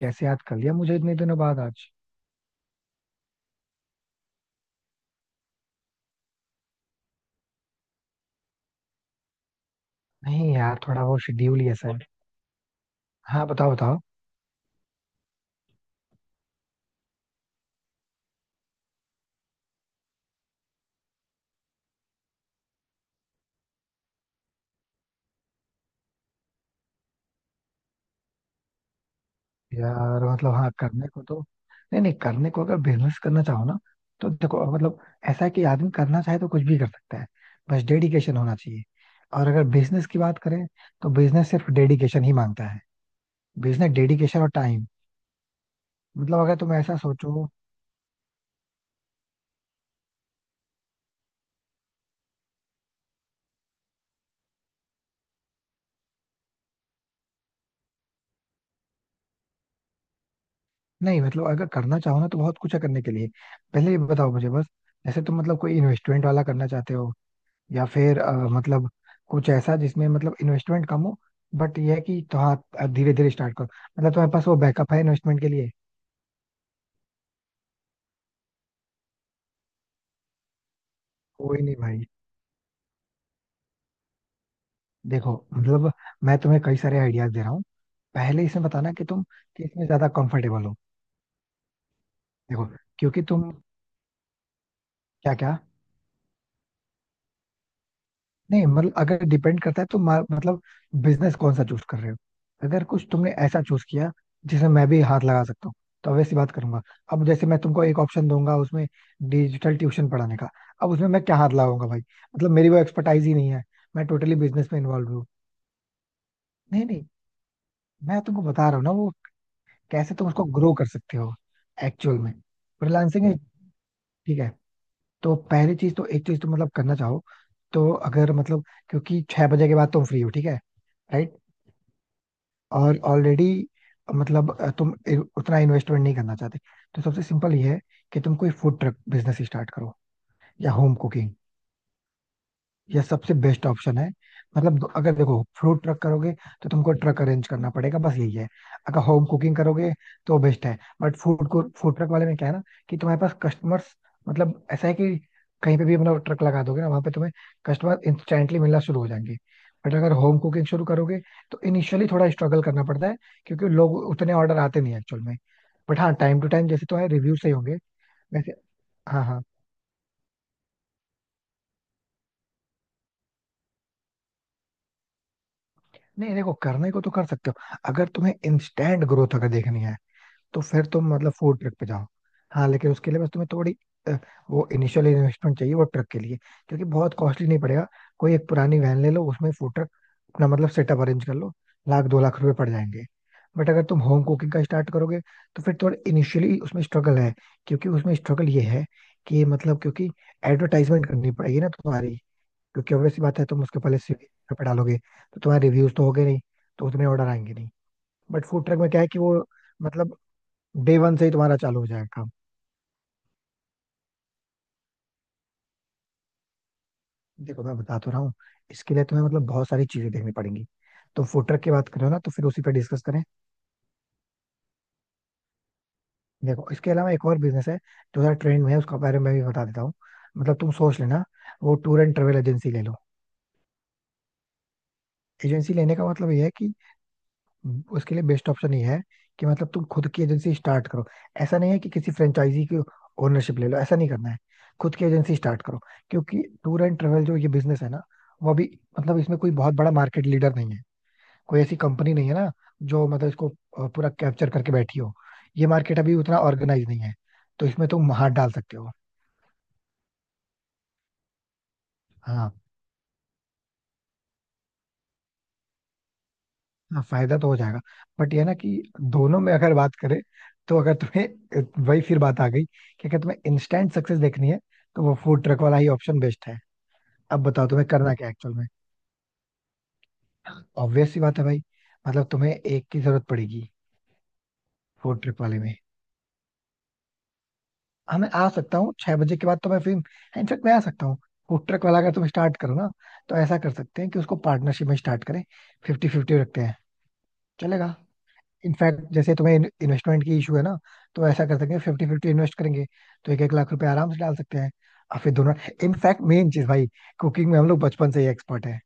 कैसे याद कर लिया मुझे इतने दिनों बाद आज। नहीं यार थोड़ा वो शेड्यूल ही ऐसा है। हाँ बताओ बताओ। यार मतलब हाँ करने को तो। नहीं नहीं करने को अगर बिजनेस करना चाहो ना। तो देखो मतलब ऐसा है कि आदमी करना चाहे तो कुछ भी कर सकता है। बस डेडिकेशन होना चाहिए। और अगर बिजनेस की बात करें तो बिजनेस सिर्फ डेडिकेशन ही मांगता है। बिजनेस डेडिकेशन और टाइम। मतलब अगर तुम ऐसा सोचो। नहीं मतलब अगर करना चाहो ना तो बहुत कुछ है करने के लिए। पहले ये बताओ मुझे बस। जैसे तुम मतलब कोई इन्वेस्टमेंट वाला करना चाहते हो या फिर मतलब कुछ ऐसा जिसमें मतलब इन्वेस्टमेंट कम हो। बट ये है कि तो हाँ धीरे धीरे स्टार्ट करो। मतलब तुम्हारे पास वो बैकअप है इन्वेस्टमेंट के लिए। कोई नहीं भाई। देखो मतलब मैं तुम्हें कई सारे आइडियाज दे रहा हूँ। पहले इसमें बताना कि तुम किस में ज्यादा कंफर्टेबल हो। देखो क्योंकि तुम क्या क्या। नहीं मतलब अगर डिपेंड करता है तो मतलब बिजनेस कौन सा चूज कर रहे हो। अगर कुछ तुमने ऐसा चूज किया जिसमें मैं भी हाथ लगा सकता हूँ तो वैसी बात करूंगा। अब जैसे मैं तुमको एक ऑप्शन दूंगा उसमें डिजिटल ट्यूशन पढ़ाने का। अब उसमें मैं क्या हाथ लगाऊंगा भाई। मतलब मेरी वो एक्सपर्टाइज ही नहीं है। मैं टोटली बिजनेस में इन्वॉल्व हूँ। नहीं नहीं मैं तुमको बता रहा हूँ ना वो कैसे तुम उसको ग्रो कर सकते हो। एक्चुअल में फ्रीलांसिंग। ठीक है। तो पहली चीज तो एक चीज तुम मतलब करना चाहो। तो अगर मतलब क्योंकि 6 बजे के बाद तुम फ्री हो। ठीक है। राइट। और ऑलरेडी मतलब तुम उतना इन्वेस्टमेंट नहीं करना चाहते। तो सबसे सिंपल ये है कि तुम कोई फूड ट्रक बिजनेस स्टार्ट करो या होम कुकिंग। ये सबसे बेस्ट ऑप्शन है। मतलब अगर देखो फ्रूट ट्रक करोगे तो तुमको ट्रक अरेंज करना पड़ेगा बस यही है। अगर होम कुकिंग करोगे तो बेस्ट है। बट फूड को फूड ट्रक वाले में क्या है ना कि तुम्हारे पास कस्टमर्स मतलब ऐसा है कि कहीं पे भी मतलब ट्रक लगा दोगे ना वहां पे तुम्हें कस्टमर इंस्टेंटली मिलना शुरू हो जाएंगे। बट अगर होम कुकिंग शुरू करोगे तो इनिशियली थोड़ा स्ट्रगल करना पड़ता है। क्योंकि लोग उतने ऑर्डर आते नहीं एक्चुअल में। बट हाँ टाइम टू टाइम जैसे तुम्हारे रिव्यू सही होंगे वैसे। हाँ हाँ। नहीं देखो करने को तो कर सकते हो अगर तुम्हें इंस्टेंट ग्रोथ अगर देखनी है तो फिर तुम मतलब फूड ट्रक पे जाओ। हाँ लेकिन उसके लिए बस तुम्हें थोड़ी अ, वो इनिशियल इन्वेस्टमेंट चाहिए वो ट्रक के लिए। क्योंकि बहुत कॉस्टली नहीं पड़ेगा। कोई एक पुरानी वैन ले लो उसमें फूड ट्रक अपना मतलब सेटअप अरेंज कर लो। लाख 2 लाख रुपए पड़ जाएंगे। बट अगर तुम होम कुकिंग का स्टार्ट करोगे तो फिर थोड़ा इनिशियली उसमें स्ट्रगल है। क्योंकि उसमें स्ट्रगल ये है कि मतलब क्योंकि एडवर्टाइजमेंट करनी पड़ेगी ना तुम्हारी। क्योंकि ऑब्वियस बात है तुम उसके पहले स्विगी पे डालोगे तो तुम्हारे रिव्यूज तो होगे नहीं। तो उतने ऑर्डर आएंगे नहीं। बट फूड ट्रक में क्या है कि वो मतलब डे 1 से ही तुम्हारा चालू हो जाएगा काम। देखो मैं बता तो रहा हूँ। इसके लिए तुम्हें मतलब बहुत सारी चीजें देखनी पड़ेंगी। तो फूड ट्रक की बात करो ना तो फिर उसी पर डिस्कस करें। देखो इसके अलावा एक और बिजनेस है जो थोड़ा ट्रेंड में है उसका बारे में भी बता देता हूँ। मतलब तुम सोच लेना। वो टूर एंड ट्रेवल एजेंसी ले लो। एजेंसी लेने का मतलब ये है कि उसके लिए बेस्ट ऑप्शन ये है कि मतलब तुम खुद की एजेंसी स्टार्ट करो। ऐसा नहीं है कि किसी फ्रेंचाइजी की ओनरशिप ले लो। ऐसा नहीं करना है। खुद की एजेंसी स्टार्ट करो। क्योंकि टूर एंड ट्रेवल जो ये बिजनेस है ना वो अभी मतलब इसमें कोई बहुत बड़ा मार्केट लीडर नहीं है। कोई ऐसी कंपनी नहीं है ना जो मतलब इसको पूरा कैप्चर करके बैठी हो। ये मार्केट अभी उतना ऑर्गेनाइज नहीं है। तो इसमें तुम हाथ डाल सकते हो। हाँ। हाँ फायदा तो हो जाएगा। बट ये ना कि दोनों में अगर बात करें तो अगर तुम्हें वही फिर बात आ गई कि अगर तुम्हें इंस्टेंट सक्सेस देखनी है तो वो फूड ट्रक वाला ही ऑप्शन बेस्ट है। अब बताओ तुम्हें करना क्या एक्चुअल में। ऑब्वियस सी बात है भाई। मतलब तुम्हें एक की जरूरत पड़ेगी फूड ट्रक वाले में। हाँ मैं आ सकता हूँ छह बजे के बाद तो मैं फिर इनफेक्ट मैं आ सकता हूँ। फूड ट्रक वाला अगर तुम स्टार्ट करो ना तो ऐसा कर सकते हैं कि उसको पार्टनरशिप में स्टार्ट करें। 50-50 रखते हैं। चलेगा। इनफैक्ट जैसे तुम्हें इन्वेस्टमेंट की इशू है ना तो ऐसा कर सकते हैं 50-50 इन्वेस्ट करेंगे तो 1-1 लाख रुपए आराम से डाल सकते हैं और फिर दोनों। इनफैक्ट मेन चीज भाई। कुकिंग में हम लोग बचपन से ही एक्सपर्ट है।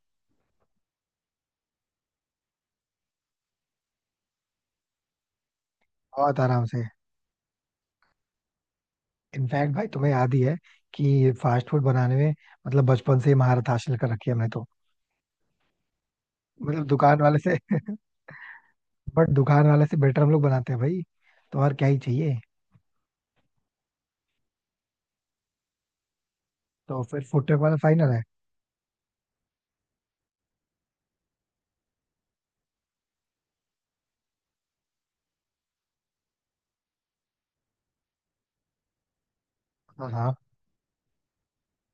बहुत आराम से। इनफैक्ट भाई तुम्हें याद ही है कि फास्ट फूड बनाने में मतलब बचपन से ही महारत हासिल कर रखी है हमने तो। मतलब दुकान वाले से। बट दुकान वाले से बेटर हम लोग बनाते हैं भाई। तो और क्या ही चाहिए। तो फिर फूड ट्रक वाला फाइनल है। हाँ हाँ।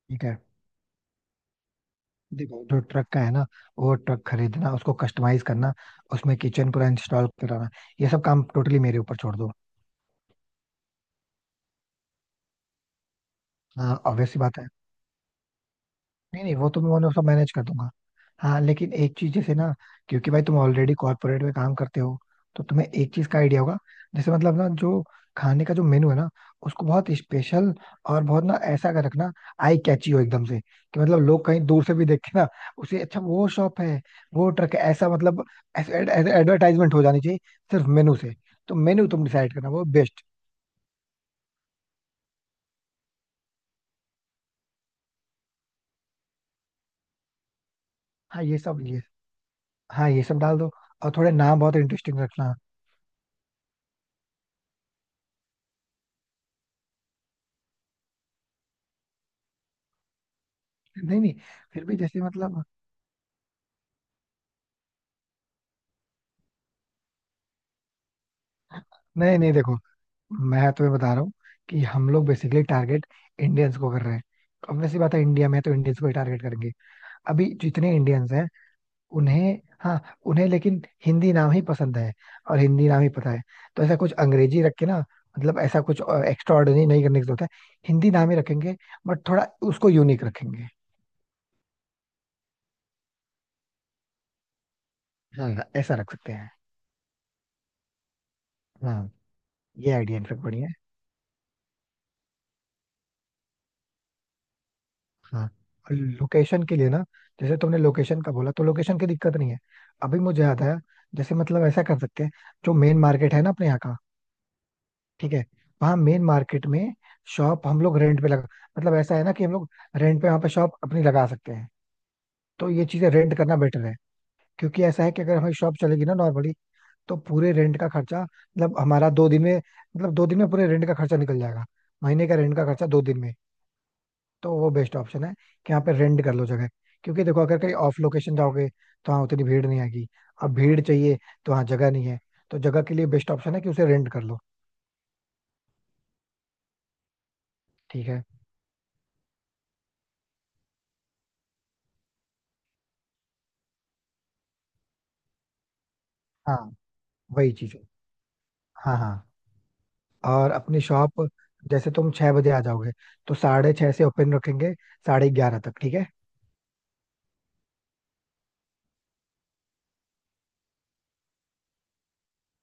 ठीक है। देखो जो ट्रक का है ना वो ट्रक खरीदना उसको कस्टमाइज करना उसमें किचन पूरा इंस्टॉल कराना ये सब काम टोटली मेरे ऊपर छोड़ दो। हाँ ऑब्वियस सी बात है। नहीं नहीं वो तो मैं मतलब मैनेज कर दूंगा। हाँ लेकिन एक चीज जैसे ना क्योंकि भाई तुम ऑलरेडी कॉर्पोरेट में काम करते हो तो तुम्हें एक चीज का आइडिया होगा। जैसे मतलब ना जो खाने का जो मेनू है ना उसको बहुत स्पेशल और बहुत ना ऐसा कर रखना आई कैची हो एकदम से कि मतलब लोग कहीं दूर से भी देखे ना उसे अच्छा वो शॉप है वो ट्रक है ऐसा मतलब एडवर्टाइजमेंट हो जानी चाहिए सिर्फ मेनू से। तो मेनू तुम डिसाइड करना वो बेस्ट। हाँ ये सब ये हाँ ये सब डाल दो। और थोड़े नाम बहुत इंटरेस्टिंग रखना। नहीं नहीं फिर भी जैसे मतलब नहीं नहीं देखो मैं तुम्हें बता रहा हूँ कि हम लोग बेसिकली टारगेट इंडियंस को कर रहे हैं। ऑब्वियसली बात है इंडिया में तो इंडियंस को ही टारगेट करेंगे। अभी जितने इंडियंस हैं उन्हें हाँ उन्हें लेकिन हिंदी नाम ही पसंद है और हिंदी नाम ही पता है। तो ऐसा कुछ अंग्रेजी रख के ना मतलब ऐसा कुछ एक्स्ट्रा ऑर्डिनरी नहीं करने की जरूरत है। हिंदी नाम ही रखेंगे बट थोड़ा उसको यूनिक रखेंगे। हाँ ऐसा रख सकते हैं। हाँ ये आइडिया इनफेक्ट बढ़िया है। हाँ लोकेशन के लिए ना जैसे तुमने लोकेशन का बोला तो लोकेशन की दिक्कत नहीं है। अभी मुझे याद आया। जैसे मतलब ऐसा कर सकते हैं जो मेन मार्केट है ना अपने यहाँ का। ठीक है। वहाँ मेन मार्केट में शॉप हम लोग रेंट पे लगा मतलब ऐसा है ना कि हम लोग रेंट पे वहाँ पे शॉप अपनी लगा सकते हैं। तो ये चीजें रेंट करना बेटर है। क्योंकि ऐसा है कि अगर हमारी शॉप चलेगी ना नॉर्मली तो पूरे रेंट का खर्चा मतलब हमारा 2 दिन में मतलब 2 दिन में पूरे रेंट का खर्चा निकल जाएगा। महीने का रेंट का खर्चा 2 दिन में। तो वो बेस्ट ऑप्शन है कि यहाँ पे रेंट कर लो जगह। क्योंकि देखो अगर कहीं ऑफ लोकेशन जाओगे तो हाँ उतनी भीड़ नहीं आएगी। अब भीड़ चाहिए तो हाँ जगह नहीं है तो जगह के लिए बेस्ट ऑप्शन है कि उसे रेंट कर लो। ठीक है। हाँ वही चीज है। हाँ हाँ। और अपनी शॉप जैसे तुम 6 बजे आ जाओगे तो 6:30 से ओपन रखेंगे 11:30 तक। ठीक है।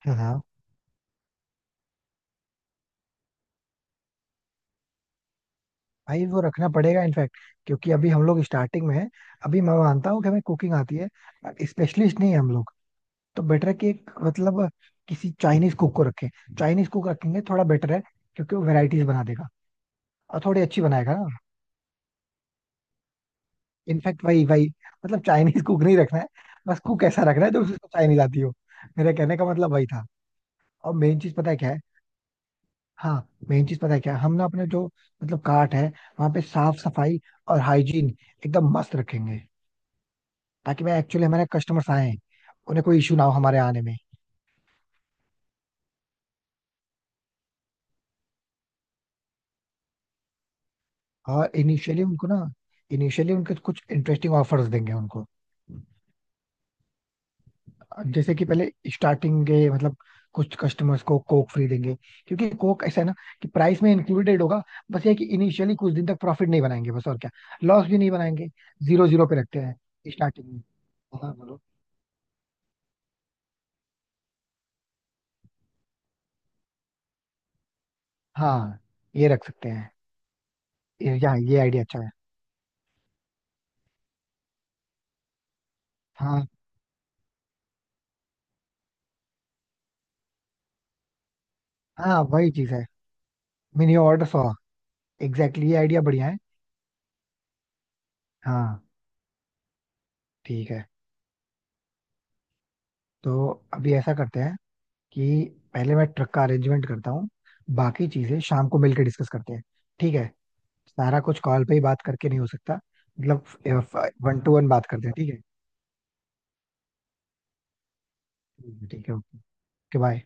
हाँ हाँ। भाई वो रखना पड़ेगा इनफैक्ट। क्योंकि अभी हम लोग स्टार्टिंग में हैं। अभी मैं मानता हूँ कि हमें कुकिंग आती है स्पेशलिस्ट नहीं है हम लोग। तो बेटर है कि एक मतलब किसी चाइनीज कुक को रखें। चाइनीज कुक रखेंगे थोड़ा बेटर है क्योंकि वो वेराइटीज बना देगा और थोड़ी अच्छी बनाएगा ना। इनफैक्ट वही वही मतलब चाइनीज कुक नहीं रखना है बस कुक ऐसा रखना है जो उसको चाइनीज आती हो। मेरे कहने का मतलब वही था। और मेन चीज पता है क्या है। हाँ मेन चीज पता है क्या है हम ना अपने जो मतलब काट है वहां पे साफ सफाई और हाइजीन एकदम मस्त रखेंगे। ताकि मैं एक्चुअली हमारे कस्टमर्स आए उन्हें कोई इशू ना हो हमारे आने में। और इनिशियली उनको ना इनिशियली उनके कुछ इंटरेस्टिंग ऑफर्स देंगे उनको। जैसे कि पहले स्टार्टिंग के मतलब कुछ कस्टमर्स को कोक फ्री देंगे। क्योंकि कोक ऐसा है ना कि प्राइस में इंक्लूडेड होगा। बस ये है कि इनिशियली कुछ दिन तक प्रॉफिट नहीं बनाएंगे बस और क्या। लॉस भी नहीं बनाएंगे। 0-0 पे रखते हैं। स्टार्टिंग में। हाँ बोलो। हाँ ये रख सकते हैं। यहाँ ये आइडिया अच्छा है। हाँ हाँ। वही चीज है। Mini order 100। एग्जैक्टली ये आइडिया बढ़िया है। हाँ। ठीक है। तो अभी ऐसा करते हैं कि पहले मैं ट्रक का अरेंजमेंट करता हूँ। बाकी चीजें शाम को मिलकर डिस्कस करते हैं। ठीक है। सारा कुछ कॉल पे ही बात करके नहीं हो सकता। मतलब 1-1 बात करते हैं। ठीक है। ठीक है ओके। बाय।